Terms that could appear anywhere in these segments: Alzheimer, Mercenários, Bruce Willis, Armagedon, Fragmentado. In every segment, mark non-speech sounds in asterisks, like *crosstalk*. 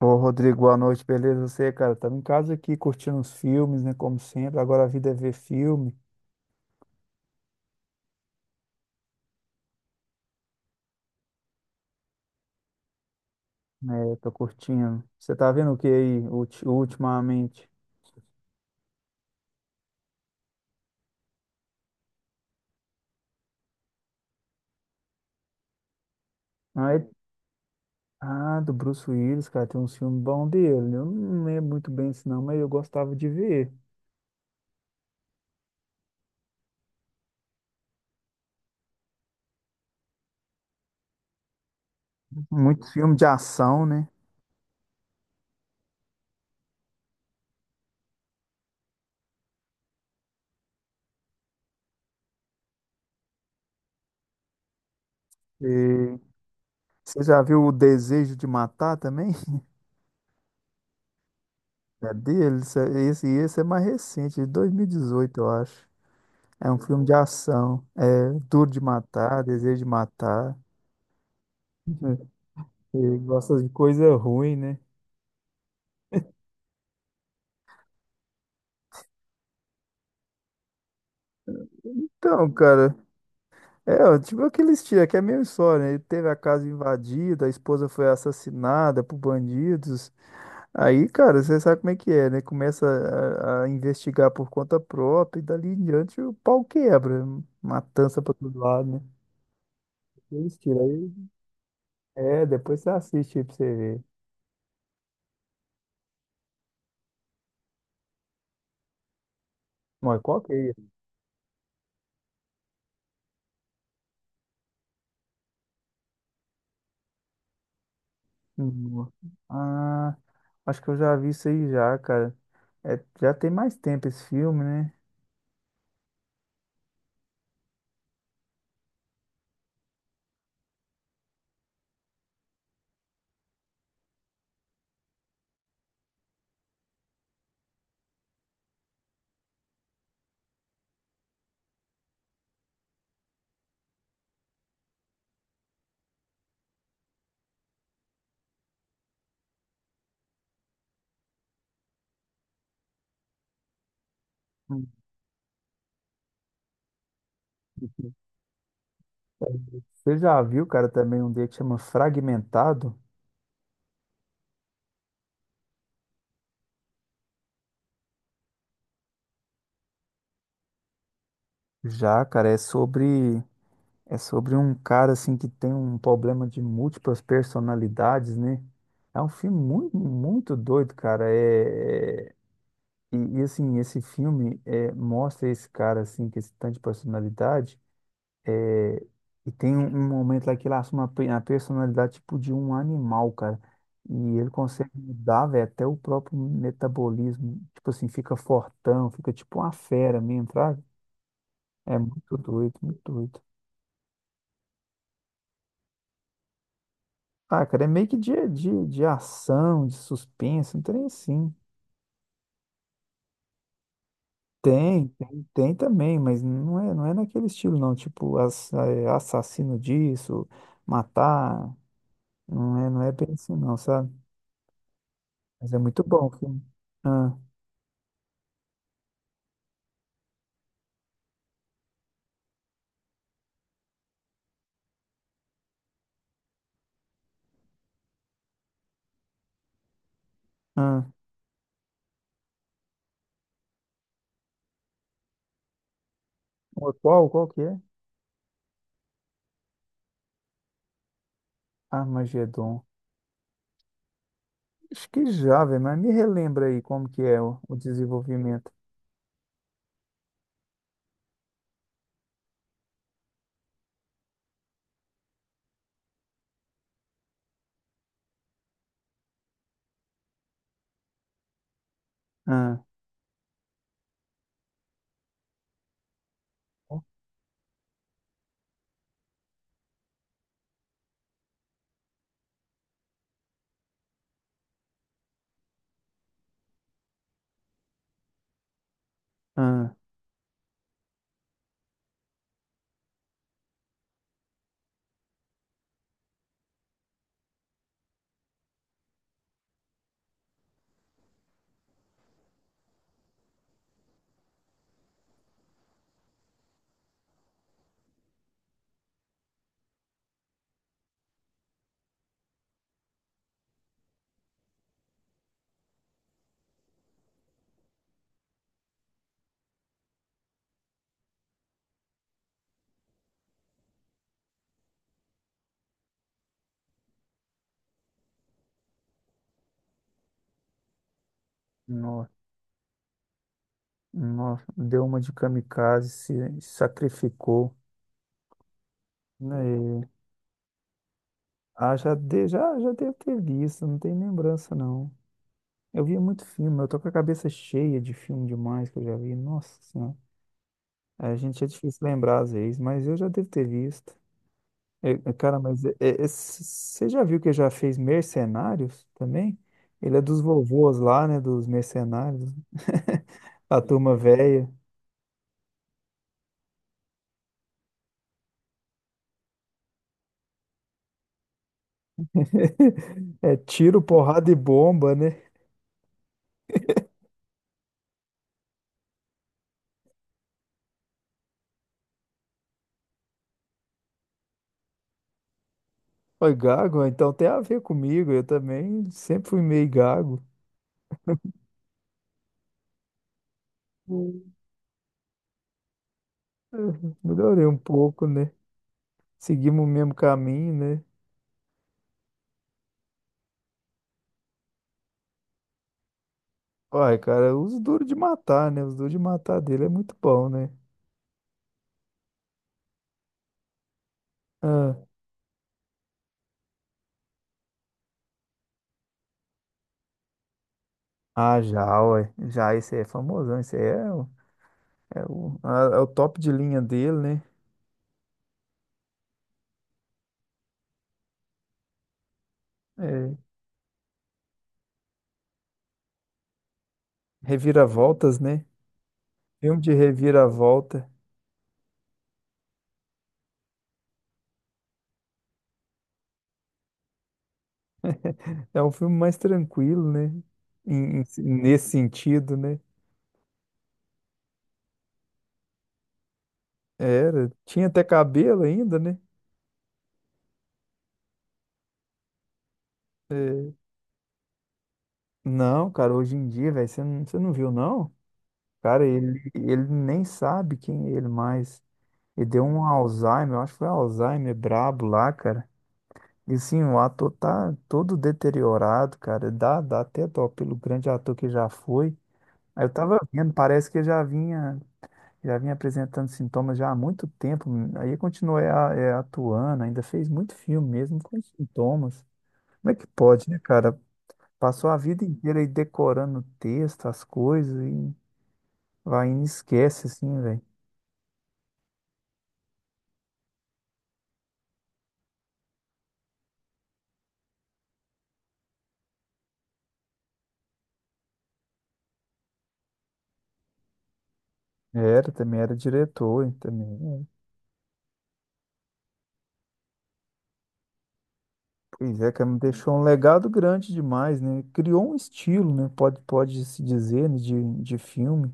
Ô, Rodrigo, boa noite, beleza? Você, cara, tava em casa aqui curtindo uns filmes, né? Como sempre, agora a vida é ver filme, né? Tô curtindo. Você tá vendo o que aí, ultimamente? Ah, é- ah, do Bruce Willis, cara, tem uns filmes bons dele. Eu não lembro muito bem isso, não, mas eu gostava de ver. Muito filme de ação, né? E você já viu O Desejo de Matar também? *laughs* É dele? Esse, esse é mais recente, de 2018, eu acho. É um filme de ação. É duro de matar, desejo de matar. Ele gosta de coisa ruim, né? Então, cara, é, ó, tipo aqueles tiros, que é a mesma história, né? Ele teve a casa invadida, a esposa foi assassinada por bandidos. Aí, cara, você sabe como é que é, né? Começa a investigar por conta própria e dali em diante o pau quebra. Matança pra todo lado, né? Aqueles tiros aí. É, depois você assiste aí pra você ver. Mas qual que é? Hum. Ah, acho que eu já vi isso aí já, cara. É, já tem mais tempo esse filme, né? Hum. Você já viu, cara, também um dele que chama Fragmentado? Já, cara, é sobre um cara assim que tem um problema de múltiplas personalidades, né? É um filme muito, muito doido, cara. Assim, esse filme é, mostra esse cara assim que esse tanto de personalidade. E tem um momento lá que ele assume a personalidade tipo de um animal, cara. E ele consegue mudar, velho, até o próprio metabolismo. Tipo assim, fica fortão, fica tipo uma fera mesmo, fraga. É muito doido, muito doido. Ah, cara, é meio que de ação, de suspense, não tem assim. Tem também, mas não é naquele estilo, não. Tipo, assassino disso, matar. Não é bem assim, não, sabe? Mas é muito bom o filme. Ah, ah. Ô, qual, qual que é? Armagedon. Acho que já, velho, mas me relembra aí como que é o desenvolvimento. Ah, ah, nossa, nossa, deu uma de kamikaze, se sacrificou, né? E- ah, já, já devo ter visto, não tem lembrança não. Eu via muito filme, eu tô com a cabeça cheia de filme demais que eu já vi. Nossa Senhora, é, a gente é difícil lembrar às vezes, mas eu já devo ter visto. É, é, cara, mas você já viu que já fez Mercenários também? Ele é dos vovôs lá, né? Dos mercenários. *laughs* A turma velha. *laughs* É tiro, porrada e bomba, né? Oi, gago, então tem a ver comigo. Eu também sempre fui meio gago. Hum. Uhum. *laughs* Melhorei um pouco, né? Seguimos o mesmo caminho, né? Olha, cara, os duros de matar, né? Os duros de matar dele é muito bom, né? Ah, já, ué. Já, esse aí é famosão. Esse aí é. É é o top de linha dele, né? É, reviravoltas, né? Filme de reviravolta. *laughs* É um filme mais tranquilo, né? Si, nesse sentido, né? Era. Tinha até cabelo ainda, né? É, não, cara, hoje em dia, velho, você não viu, não? Cara, ele nem sabe quem é ele mais. Ele deu um Alzheimer, eu acho que foi Alzheimer brabo lá, cara. E assim, o ator tá todo deteriorado, cara. Dá até dó pelo grande ator que já foi. Aí eu tava vendo, parece que já vinha apresentando sintomas já há muito tempo. Aí atuando, ainda fez muito filme mesmo com sintomas. Como é que pode, né, cara? Passou a vida inteira aí decorando o texto, as coisas, e vai e esquece, assim, velho. Era, também era diretor, e também é. Pois é, cara, me deixou um legado grande demais, né? Criou um estilo, né? Pode se dizer, né, de filme.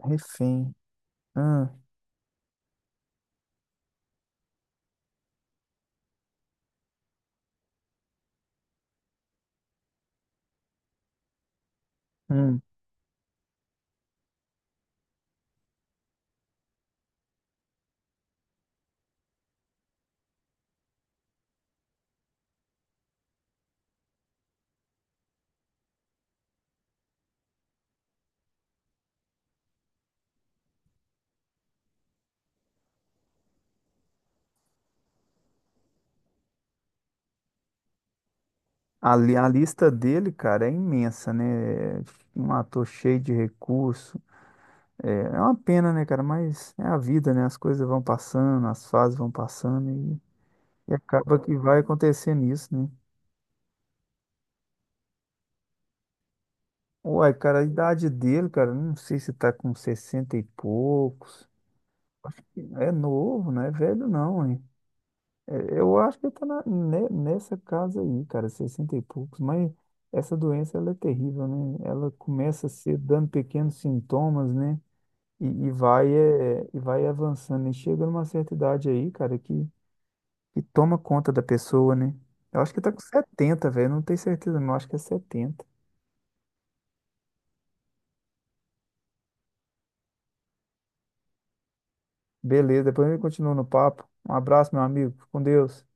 Refém. Ah, hum. A lista dele, cara, é imensa, né? É um ator cheio de recurso. É, é uma pena, né, cara? Mas é a vida, né? As coisas vão passando, as fases vão passando e acaba que vai acontecendo isso, né? Uai, cara, a idade dele, cara, não sei se tá com 60 e poucos. Acho que é novo, não é velho, não, hein? É, eu acho que ele tá nessa casa aí, cara, 60 e poucos, mas. Essa doença ela é terrível, né? Ela começa a ser dando pequenos sintomas, né? E vai avançando. E chega numa certa idade aí, cara, que toma conta da pessoa, né? Eu acho que tá com 70 velho. Não tenho certeza, não. Acho que é setenta. Beleza, depois a gente continua no papo. Um abraço, meu amigo. Fica Com Deus.